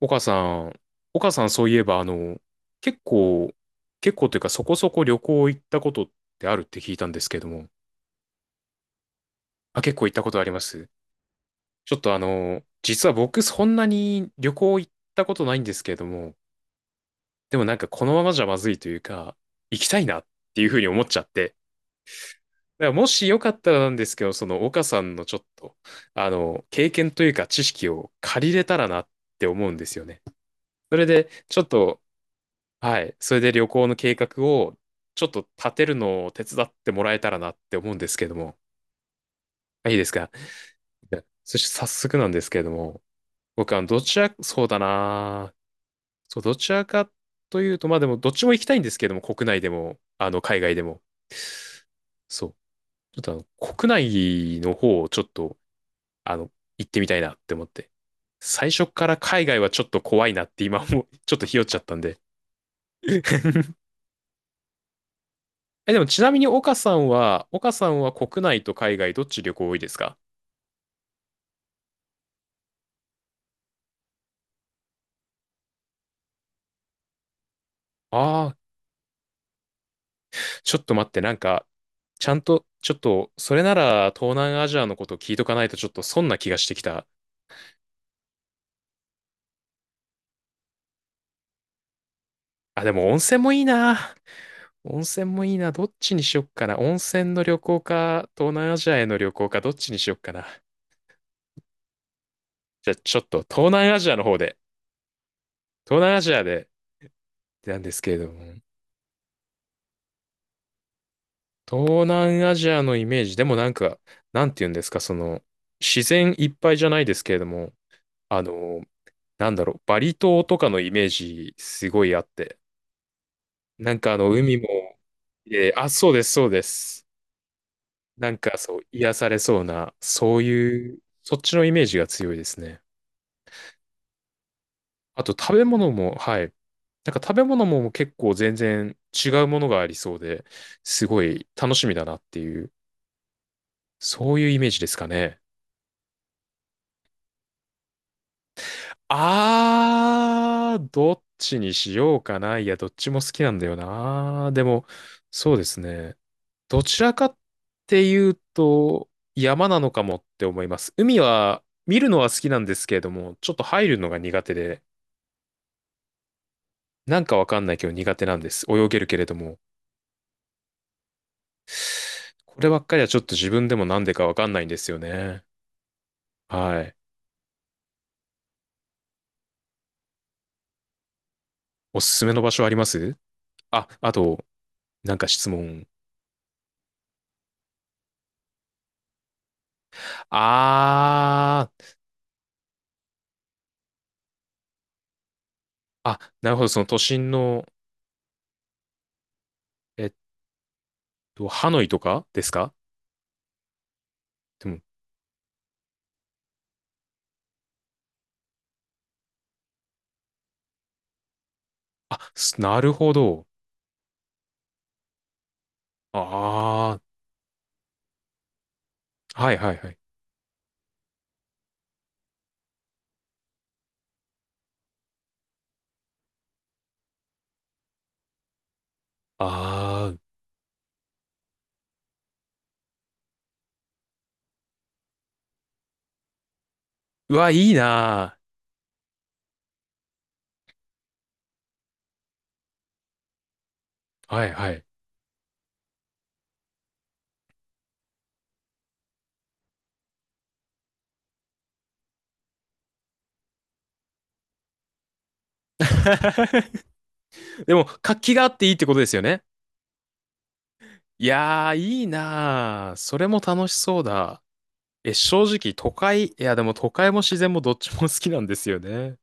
岡さん、岡さんそういえば、結構、結構というかそこそこ旅行行ったことってあるって聞いたんですけども、あ、結構行ったことあります。ちょっと実は僕そんなに旅行行ったことないんですけれども、でもなんかこのままじゃまずいというか、行きたいなっていうふうに思っちゃって、だからもしよかったらなんですけど、その岡さんのちょっと、経験というか知識を借りれたらなって思うんですよね。それで、ちょっと、はい。それで旅行の計画をちょっと立てるのを手伝ってもらえたらなって思うんですけども。あ、いいですか？そして早速なんですけれども、僕はどちら、そうだな。そう、どちらかというと、まあでもどっちも行きたいんですけども、国内でも、海外でも。そう。ちょっと国内の方をちょっと、あの、行ってみたいなって思って。最初から海外はちょっと怖いなって今も、ちょっとひよっちゃったんで。え、でもちなみに岡さんは、国内と海外どっち旅行多いですか？ああー、ちょっと待って、なんか、ちゃんと、ちょっと、それなら東南アジアのこと聞いとかないとちょっと損な気がしてきた。あ、でも温泉もいいな。温泉もいいな。どっちにしよっかな。温泉の旅行か、東南アジアへの旅行か、どっちにしよっかな。じゃあ、ちょっと東南アジアの方で、東南アジアでなんですけれども。東南アジアのイメージ、でもなんか、なんて言うんですか、その、自然いっぱいじゃないですけれども、あの、なんだろう、バリ島とかのイメージすごいあって、なんか海も、あ、そうです、そうです。なんかそう、癒されそうな、そういう、そっちのイメージが強いですね。あと食べ物も、はい。なんか食べ物も結構全然違うものがありそうで、すごい楽しみだなっていう、そういうイメージですかね。あー、どっちにしようかな。いや、どっちも好きなんだよな。でも、そうですね。どちらかっていうと、山なのかもって思います。海は、見るのは好きなんですけれども、ちょっと入るのが苦手で、なんかわかんないけど苦手なんです。泳げるけれども。こればっかりはちょっと自分でもなんでかわかんないんですよね。はい。おすすめの場所あります？あ、あと、なんか質問。あー、あ、なるほど。その都心の、えっハノイとかですか？でも、あ、すなるほど。ああ、はいはいはい。ああ、うわ、いいなー。はいはい。でも、活気があっていいってことですよね。いやー、いいなー。それも楽しそうだ。え、正直、都会、いや、でも都会も自然もどっちも好きなんですよね。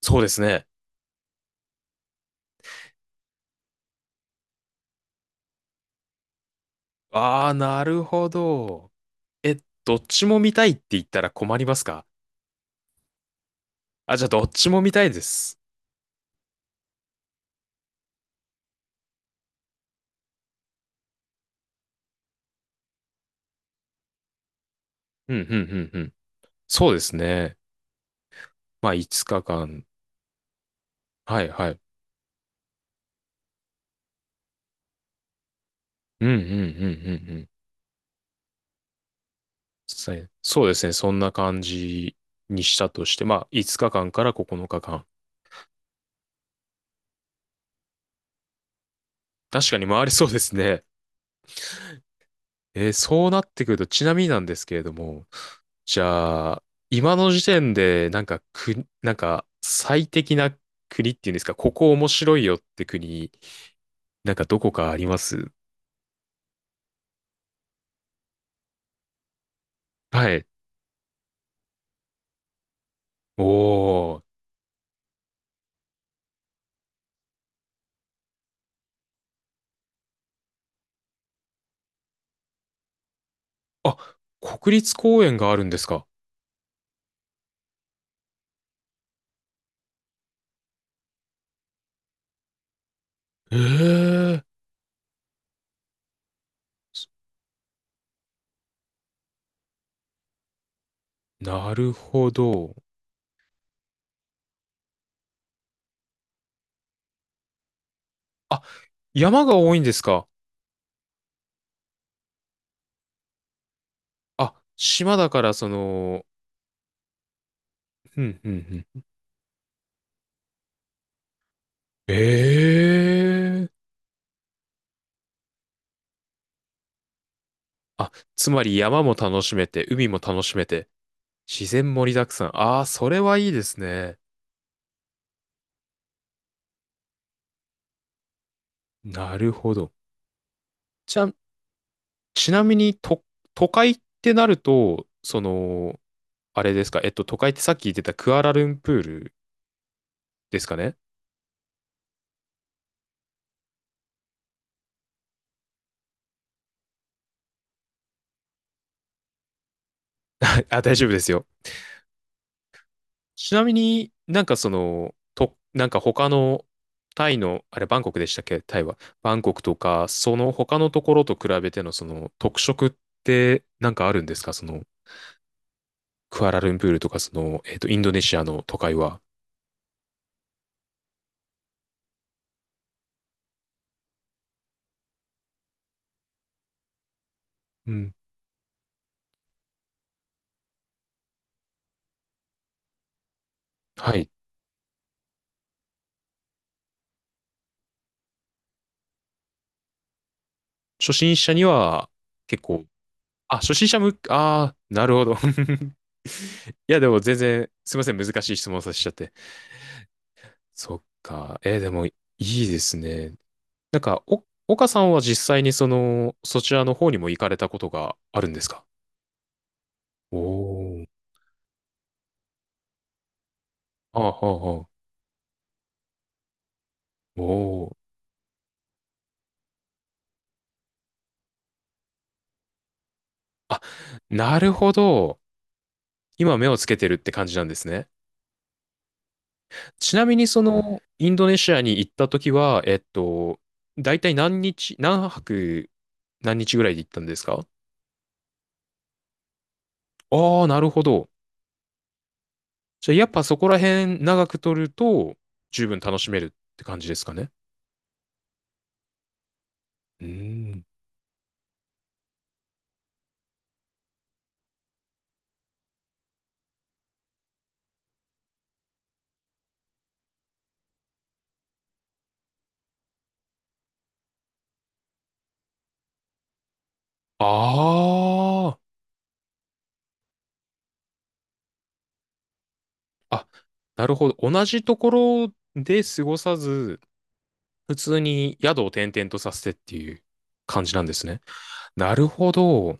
そうですね。ああ、なるほど。え、どっちも見たいって言ったら困りますか？あ、じゃあ、どっちも見たいです。うん、うん、うん、うん。そうですね。まあ、5日間。はい、はい。うん、うん、うん、うん、うん。そうそうですね。そんな感じにしたとして、まあ、5日間かんから9日間。確かに回りそうですね。そうなってくると、ちなみになんですけれども、じゃあ、今の時点で、なんか、なんか、最適な国っていうんですか、ここ面白いよって国、なんかどこかあります？はい。おー。あ、国立公園があるんですか？ええ、なるほど。あ、山が多いんですか？あ、島だからその、うんうんうん。ええあ、つまり山も楽しめて、海も楽しめて、自然盛りだくさん。ああ、それはいいですね。なるほど。じゃあ、ちなみに、都会ってなると、あれですか、都会ってさっき言ってたクアラルンプールですかね？ あ、大丈夫ですよ。ちなみになんかなんか他のタイの、あれバンコクでしたっけ、タイは。バンコクとか、その他のところと比べてのその特色ってなんかあるんですか？その、クアラルンプールとかその、インドネシアの都会は。うん。はい。初心者には結構、あ、初心者向け、ああ、なるほど。いや、でも全然、すいません、難しい質問させちゃって。そっか。でもいいですね。なんか、岡さんは実際にその、そちらの方にも行かれたことがあるんですか？おー。ああ、ああ、ああおー。あ、なるほど。今目をつけてるって感じなんですね。ちなみにその、インドネシアに行った時は、大体何日、何泊、何日ぐらいで行ったんですか？ああ、なるほど。じゃあ、やっぱそこら辺長く取ると、十分楽しめるって感じですかね。うーん。ああ。あ、なるほど。同じところで過ごさず、普通に宿を転々とさせてっていう感じなんですね。なるほど。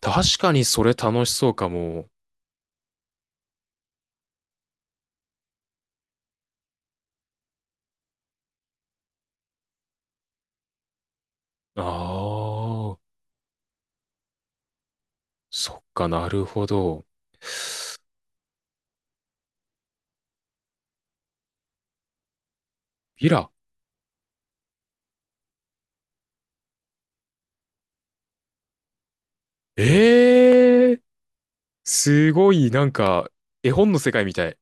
確かにそれ楽しそうかも。ああ、そっかなるほど。ビラ。ええ、すごい、なんか、絵本の世界みたい。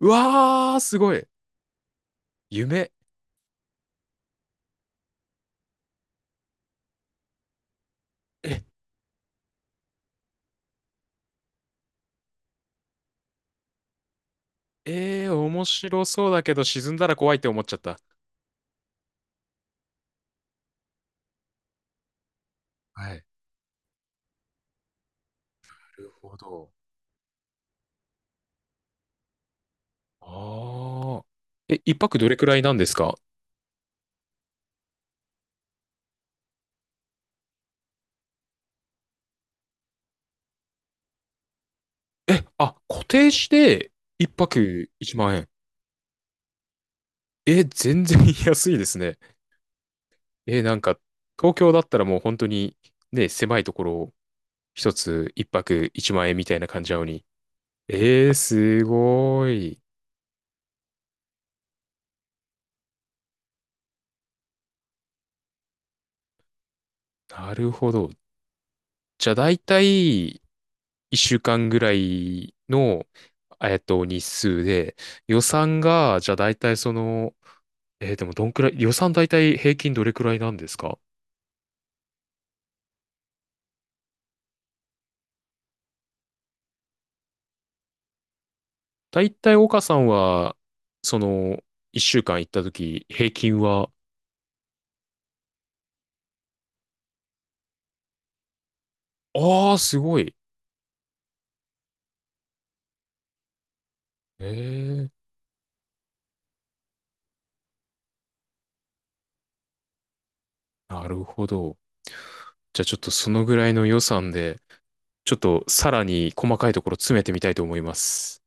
うわー、すごい。夢。え、面白そうだけど沈んだら怖いって思っちゃった。はい。なるほど。ああ。え、一泊どれくらいなんですか？え、あ、固定して一泊1万円。え、全然 安いですね。え、なんか、東京だったらもう本当にね、狭いところを一つ一泊1万円みたいな感じなのに。えー、すごい。なるほど。じゃあ大体1週間ぐらいの、日数で、予算が、じゃあ大体でもどんくらい、予算大体平均どれくらいなんですか？大体岡さんは、その、一週間行った時、平均は、ああ、すごい。ええ、なるほど。じゃあちょっとそのぐらいの予算で、ちょっとさらに細かいところ詰めてみたいと思います。